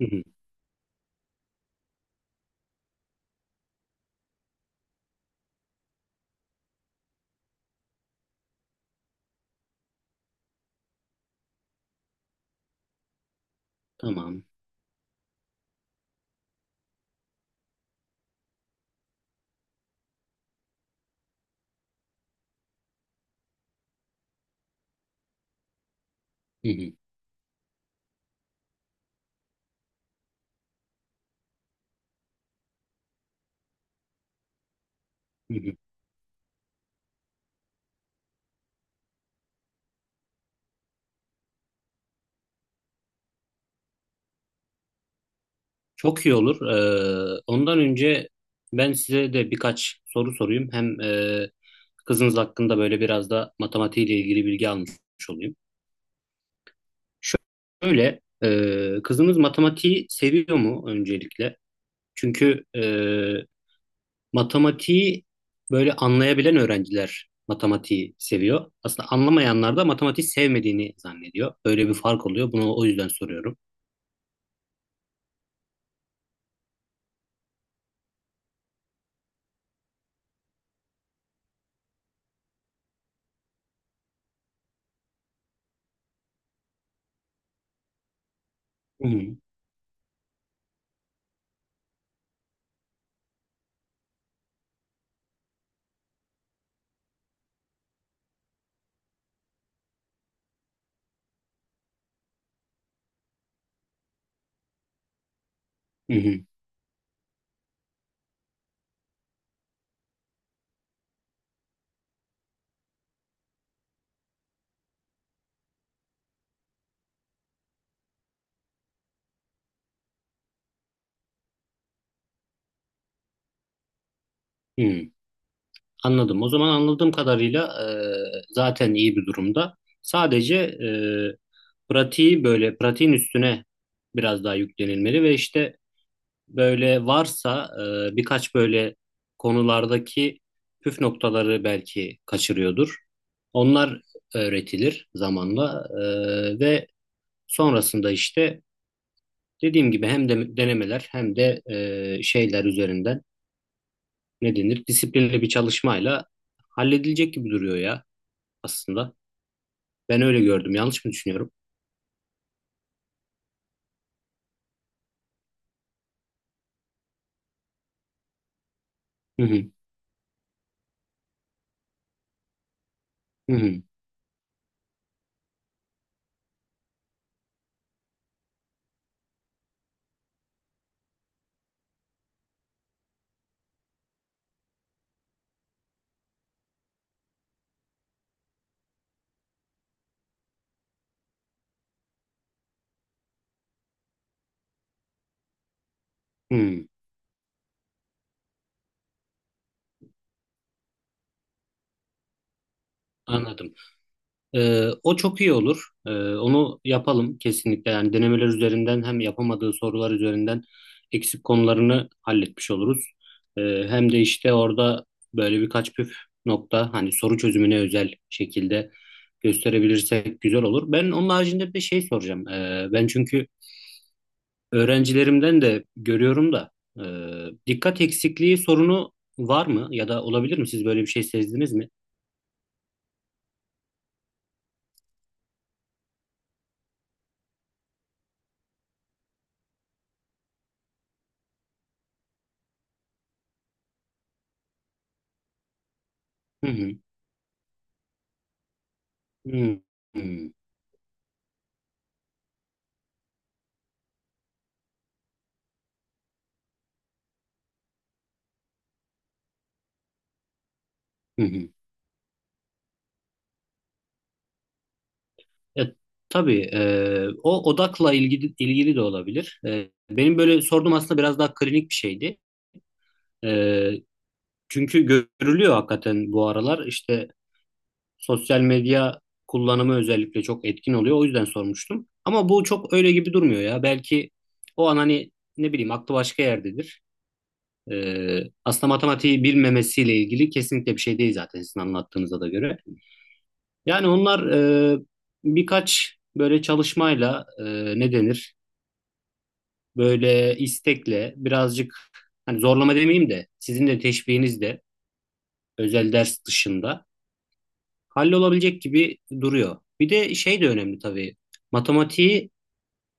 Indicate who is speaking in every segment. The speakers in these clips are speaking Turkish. Speaker 1: Hı hı, tamam. Hı hı, hı hı. Çok iyi olur. Ondan önce ben size de birkaç soru sorayım. Hem kızınız hakkında böyle biraz da matematiğiyle ilgili bilgi almış olayım. Şöyle, kızınız matematiği seviyor mu öncelikle? Çünkü matematiği böyle anlayabilen öğrenciler matematiği seviyor. Aslında anlamayanlar da matematiği sevmediğini zannediyor. Böyle bir fark oluyor. Bunu o yüzden soruyorum. Hı hı, hı hı, hı. Anladım. O zaman anladığım kadarıyla zaten iyi bir durumda. Sadece pratiği böyle pratiğin üstüne biraz daha yüklenilmeli ve işte böyle varsa birkaç böyle konulardaki püf noktaları belki kaçırıyordur. Onlar öğretilir zamanla ve sonrasında işte dediğim gibi hem de denemeler hem de şeyler üzerinden ne denir disiplinli bir çalışmayla halledilecek gibi duruyor ya aslında. Ben öyle gördüm. Yanlış mı düşünüyorum? Hı hı. Hı hı. Hı. Anladım. O çok iyi olur. Onu yapalım kesinlikle. Yani denemeler üzerinden hem yapamadığı sorular üzerinden eksik konularını halletmiş oluruz. Ee, Hem de işte orada böyle birkaç püf nokta hani soru çözümüne özel şekilde gösterebilirsek güzel olur. Ben onun haricinde bir şey soracağım. Ben çünkü öğrencilerimden de görüyorum da e, dikkat eksikliği sorunu var mı ya da olabilir mi? Siz böyle bir şey sezdiniz mi? Hı hı. Hı hı. Hı hı. Ya, tabii o odakla ilgili de olabilir. Benim böyle sorduğum aslında biraz daha klinik bir şeydi. E, Çünkü görülüyor hakikaten bu aralar işte sosyal medya kullanımı özellikle çok etkin oluyor. O yüzden sormuştum. Ama bu çok öyle gibi durmuyor ya. Belki o an hani ne bileyim aklı başka yerdedir. Ee, Aslında matematiği bilmemesiyle ilgili kesinlikle bir şey değil zaten sizin anlattığınıza da göre. Yani onlar e, birkaç böyle çalışmayla ne denir? Böyle istekle birazcık hani zorlama demeyeyim de sizin de teşviğinizle özel ders dışında hallolabilecek gibi duruyor. Bir de şey de önemli tabii. Matematiği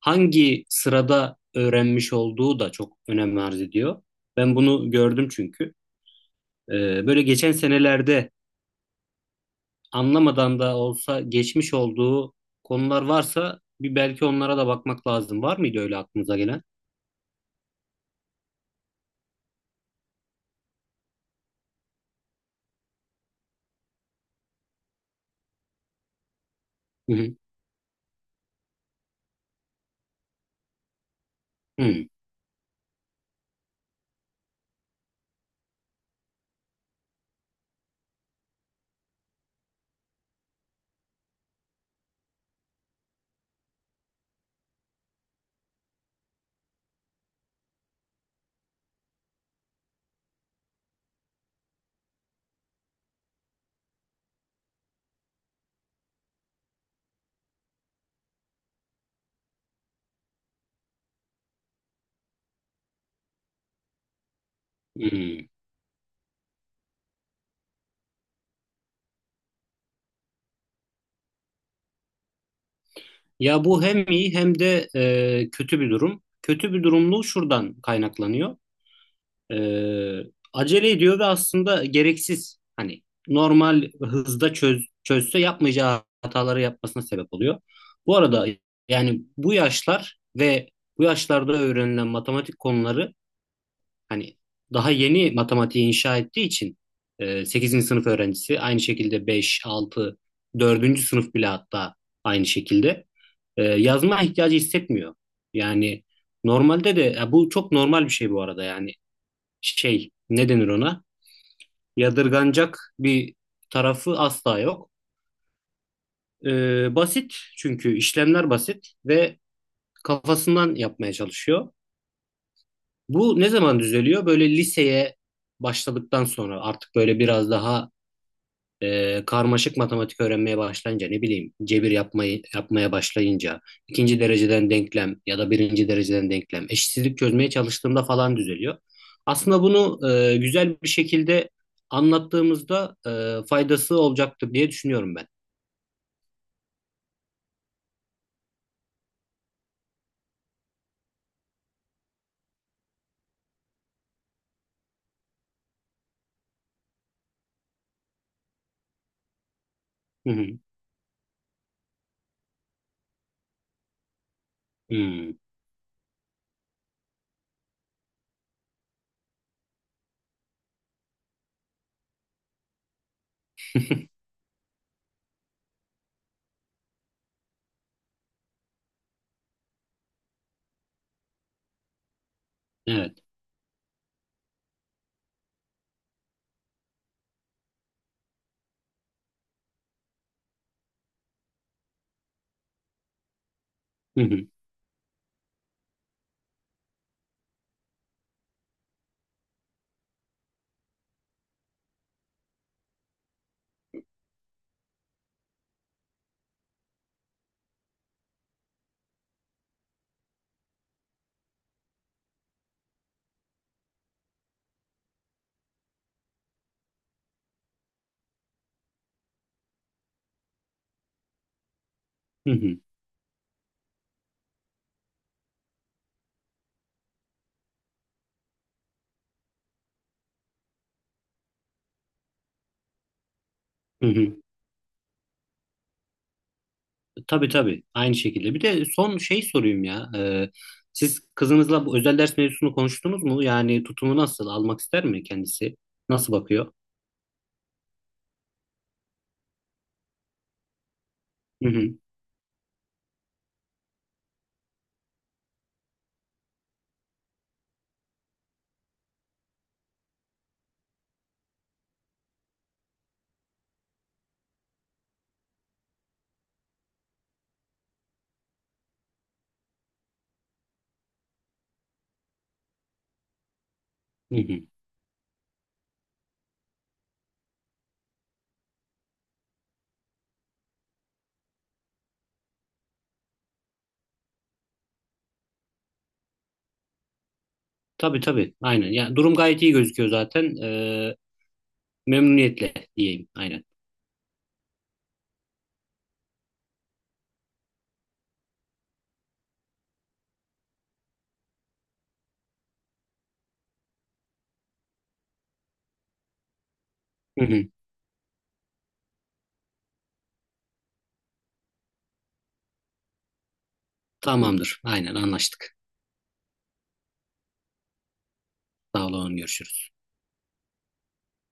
Speaker 1: hangi sırada öğrenmiş olduğu da çok önem arz ediyor. Ben bunu gördüm çünkü. Böyle geçen senelerde anlamadan da olsa geçmiş olduğu konular varsa bir belki onlara da bakmak lazım. Var mıydı öyle aklınıza gelen? Hı hı. Hı. Hı. Ya bu hem iyi hem de kötü bir durum. Kötü bir durumluğu şuradan kaynaklanıyor. E, Acele ediyor ve aslında gereksiz hani normal hızda çözse yapmayacağı hataları yapmasına sebep oluyor. Bu arada yani bu yaşlar ve bu yaşlarda öğrenilen matematik konuları, hani daha yeni matematiği inşa ettiği için 8. sınıf öğrencisi aynı şekilde 5 altı, dördüncü sınıf bile hatta aynı şekilde yazma ihtiyacı hissetmiyor. Yani normalde de ya bu çok normal bir şey bu arada yani şey, ne denir ona? Yadırganacak bir tarafı asla yok. Basit çünkü, işlemler basit ve kafasından yapmaya çalışıyor. Bu ne zaman düzeliyor? Böyle liseye başladıktan sonra artık böyle biraz daha karmaşık matematik öğrenmeye başlayınca ne bileyim cebir yapmaya başlayınca ikinci dereceden denklem ya da birinci dereceden denklem eşitsizlik çözmeye çalıştığımda falan düzeliyor. Aslında bunu güzel bir şekilde anlattığımızda faydası olacaktır diye düşünüyorum ben. Hı hı. Hmm. Evet. Hı hı. Hı hı. Hı hı. Tabii tabii aynı şekilde. Bir de son şey sorayım ya. Siz kızınızla bu özel ders mevzusunu konuştunuz mu? Yani tutumu nasıl? Almak ister mi kendisi? Nasıl bakıyor? Hı hı. Hı hı. Tabii tabii aynen. Ya durum gayet iyi gözüküyor zaten. Memnuniyetle diyeyim aynen. Hı hı. Tamamdır aynen anlaştık. Sağ olun görüşürüz.